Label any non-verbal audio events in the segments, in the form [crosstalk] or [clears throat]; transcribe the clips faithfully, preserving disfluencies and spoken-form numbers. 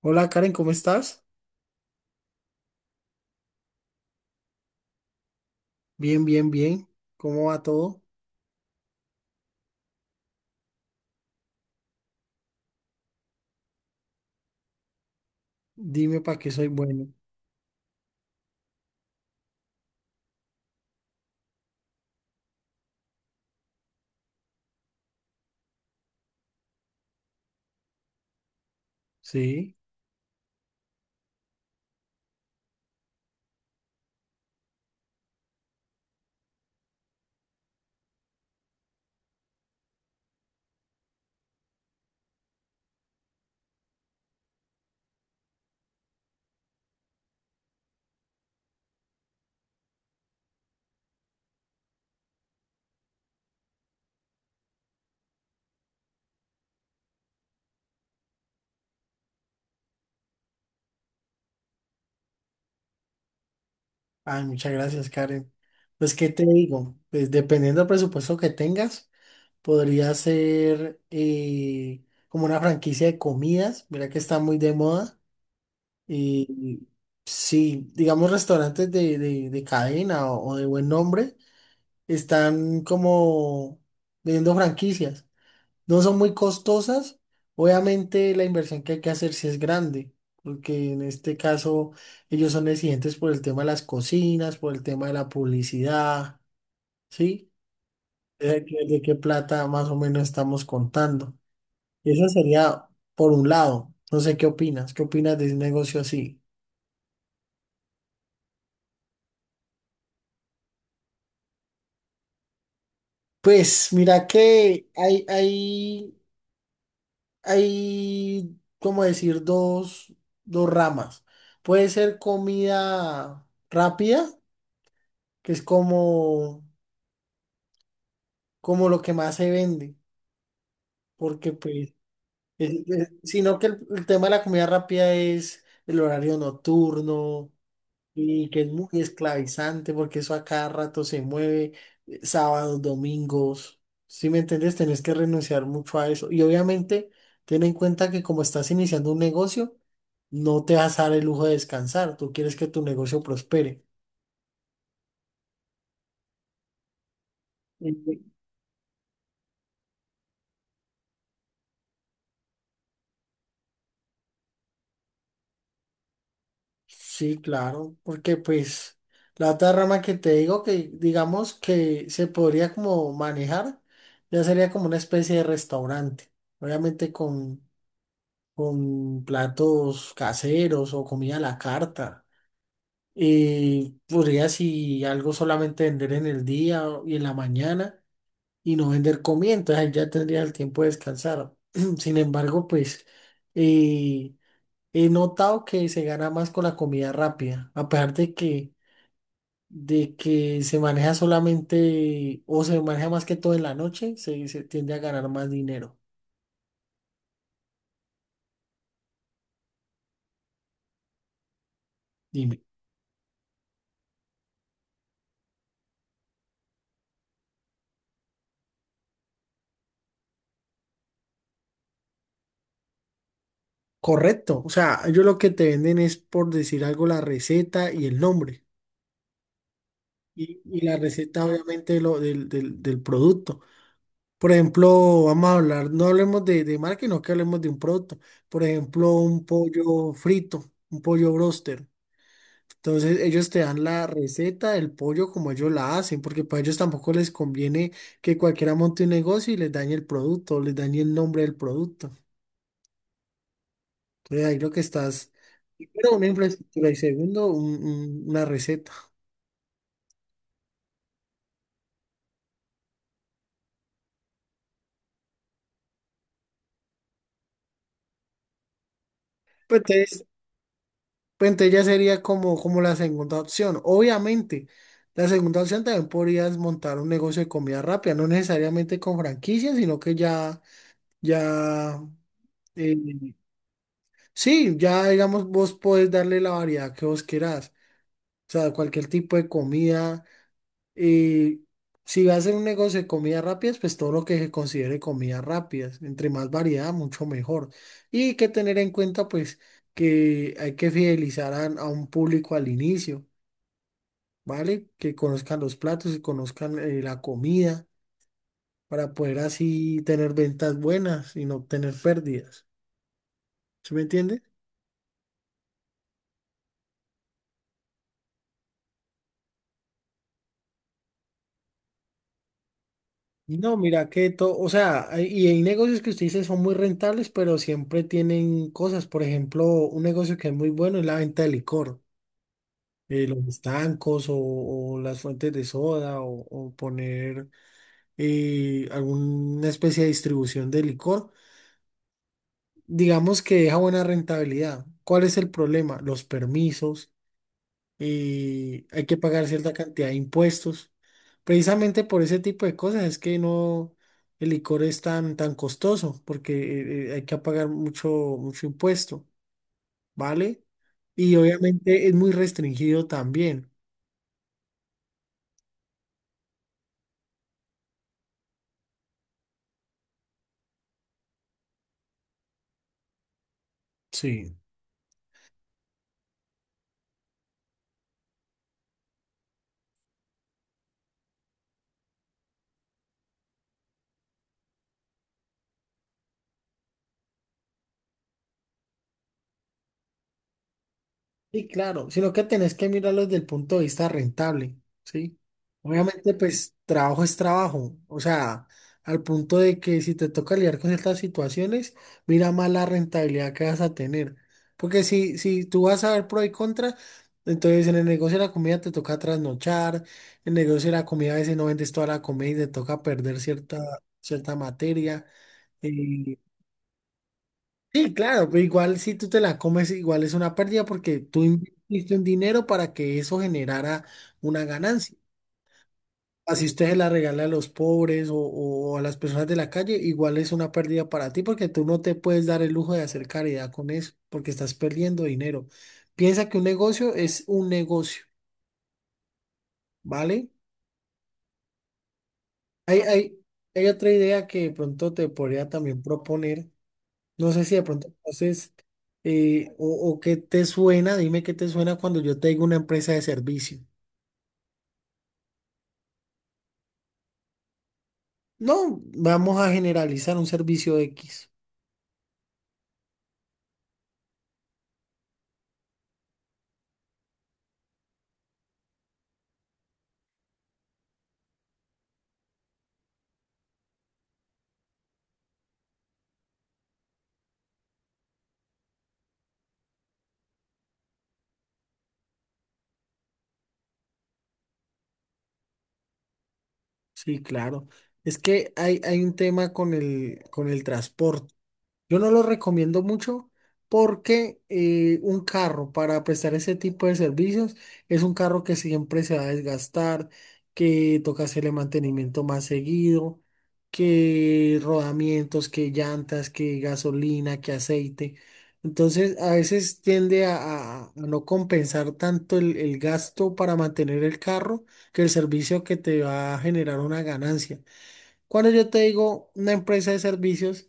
Hola Karen, ¿cómo estás? Bien, bien, bien. ¿Cómo va todo? Dime para qué soy bueno. Sí. Ay, muchas gracias, Karen. Pues, ¿qué te digo? Pues, dependiendo del presupuesto que tengas, podría ser eh, como una franquicia de comidas. Mira que está muy de moda. Y sí, digamos, restaurantes de, de- de cadena o, o de buen nombre están como vendiendo franquicias. No son muy costosas. Obviamente la inversión que hay que hacer sí es grande, porque en este caso ellos son exigentes por el tema de las cocinas, por el tema de la publicidad, ¿sí? De, qué de qué plata más o menos estamos contando. Eso sería por un lado. No sé qué opinas. ¿Qué opinas de un negocio así? Pues mira que hay, hay, hay, como decir, dos, dos ramas. Puede ser comida rápida que es como, como lo que más se vende, porque pues, es- es- sino que el, el tema de la comida rápida es el horario nocturno y que es muy esclavizante porque eso a cada rato se mueve, eh, sábados, domingos, ¿si me entiendes? Tenés que renunciar mucho a eso y obviamente ten en cuenta que como estás iniciando un negocio, no te vas a dar el lujo de descansar, tú quieres que tu negocio prospere. Sí, claro, porque pues la otra rama que te digo que digamos que se podría como manejar, ya sería como una especie de restaurante, obviamente con, con platos caseros o comida a la carta. Y podría si algo solamente vender en el día y en la mañana y no vender comida, entonces ahí ya tendría el tiempo de descansar. [clears throat] Sin embargo, pues... eh, he notado que se gana más con la comida rápida, aparte que de que se maneja solamente o se maneja más que todo en la noche, se, se tiende a ganar más dinero. Dime. Correcto. O sea, ellos lo que te venden es por decir algo la receta y el nombre. Y, y la receta, obviamente, lo, del, del, del producto. Por ejemplo, vamos a hablar, no hablemos de, de marca, sino que hablemos de un producto. Por ejemplo, un pollo frito, un pollo broster. Entonces ellos te dan la receta del pollo como ellos la hacen, porque para ellos tampoco les conviene que cualquiera monte un negocio y les dañe el producto, o les dañe el nombre del producto. Entonces ahí lo que estás, primero una infraestructura y segundo un- un- una receta. Pues entonces, pues, entonces ya sería como, como la segunda opción. Obviamente, la segunda opción también podrías montar un negocio de comida rápida, no necesariamente con franquicia, sino que ya, ya... eh, sí, ya digamos, vos podés darle la variedad que vos querás. O sea, cualquier tipo de comida. Y si vas a hacer un negocio de comidas rápidas, pues todo lo que se considere comidas rápidas. Entre más variedad, mucho mejor. Y hay que tener en cuenta, pues, que hay que fidelizar a, a un público al inicio, ¿vale? Que conozcan los platos, que conozcan eh, la comida, para poder así tener ventas buenas y no tener pérdidas. ¿Sí me entiende? No, mira que todo, o sea, hay- y hay negocios que usted dice son muy rentables, pero siempre tienen cosas. Por ejemplo, un negocio que es muy bueno es la venta de licor, eh, los estancos o, o las fuentes de soda o, o poner eh, alguna especie de distribución de licor. Digamos que deja buena rentabilidad. ¿Cuál es el problema? Los permisos. Y hay que pagar cierta cantidad de impuestos. Precisamente por ese tipo de cosas es que no el licor es tan, tan costoso, porque eh, eh, hay que pagar mucho, mucho impuesto, ¿vale? Y obviamente es muy restringido también. Sí. Sí, claro, sino que tenés que mirarlo desde el punto de vista rentable, ¿sí? Obviamente, pues trabajo es trabajo, o sea, al punto de que si te toca lidiar con estas situaciones, mira más la rentabilidad que vas a tener. Porque si, si tú vas a ver pro y contra, entonces en el negocio de la comida te toca trasnochar, en el negocio de la comida a veces no vendes toda la comida y te toca perder cierta, cierta materia. eh, Sí, claro, pero igual si tú te la comes, igual es una pérdida porque tú invertiste un dinero para que eso generara una ganancia. Así usted se la regala a los pobres o, o a las personas de la calle, igual es una pérdida para ti porque tú no te puedes dar el lujo de hacer caridad con eso porque estás perdiendo dinero. Piensa que un negocio es un negocio, ¿vale? Hay, hay, hay otra idea que de pronto te podría también proponer. No sé si de pronto entonces, eh, o, o qué te suena, dime qué te suena cuando yo te digo una empresa de servicio. No, vamos a generalizar un servicio X. Sí, claro. Es que hay, hay un tema con el, con el transporte. Yo no lo recomiendo mucho porque eh, un carro para prestar ese tipo de servicios es un carro que siempre se va a desgastar, que toca hacerle mantenimiento más seguido, que rodamientos, que llantas, que gasolina, que aceite. Entonces a veces tiende a, a- a no compensar tanto el, el gasto para mantener el carro que el servicio que te va a generar una ganancia. Cuando yo te digo una empresa de servicios,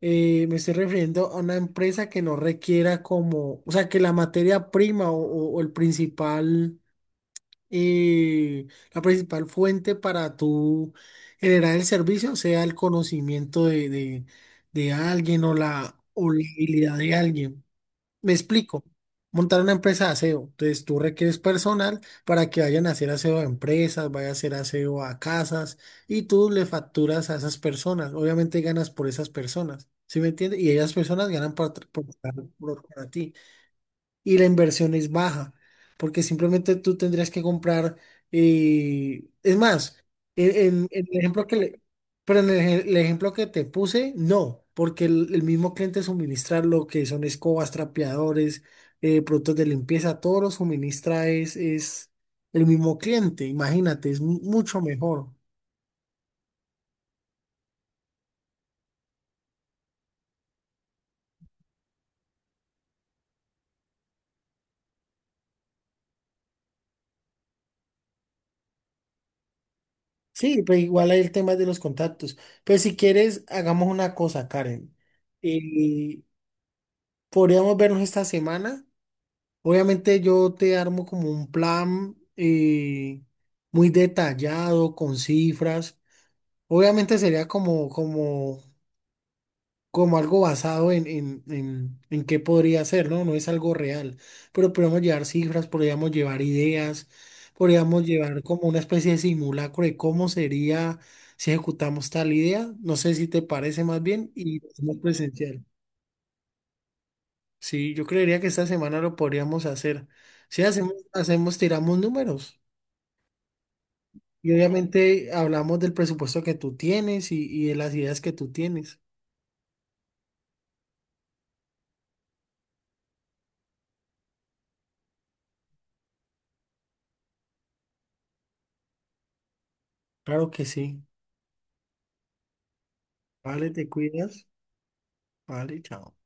eh, me estoy refiriendo a una empresa que no requiera como, o sea, que la materia prima o, o- o el principal, eh, la principal fuente para tu generar el servicio sea el conocimiento de, de- de alguien o la, o la habilidad de alguien. Me explico. Montar una empresa de aseo. Entonces tú requieres personal para que vayan a hacer aseo a empresas, vaya a hacer aseo a casas y tú le facturas a esas personas. Obviamente ganas por esas personas. ¿Sí me entiendes? Y ellas personas ganan por, por, por- para ti y la inversión es baja, porque simplemente tú tendrías que comprar, eh, es más, en, en- en el ejemplo que le- pero en el, ej- el ejemplo que te puse, no, porque el, el mismo cliente suministra lo que son escobas, trapeadores, eh, productos de limpieza, todo lo suministra es, es el mismo cliente, imagínate, es mu- mucho mejor. Sí, pero igual hay el tema de los contactos. Pero si quieres, hagamos una cosa, Karen. Eh, podríamos vernos esta semana. Obviamente yo te armo como un plan eh, muy detallado, con cifras. Obviamente sería como, como, como algo basado en, en, en, en qué podría ser, ¿no? No es algo real, pero podríamos llevar cifras, podríamos llevar ideas, podríamos llevar como una especie de simulacro de cómo sería si ejecutamos tal idea. No sé si te parece más bien y lo hacemos presencial. Sí, yo creería que esta semana lo podríamos hacer. Si hacemos, hacemos, tiramos números. Y obviamente hablamos del presupuesto que tú tienes y, y de las ideas que tú tienes. Claro que sí. Vale, te cuidas. Vale, chao.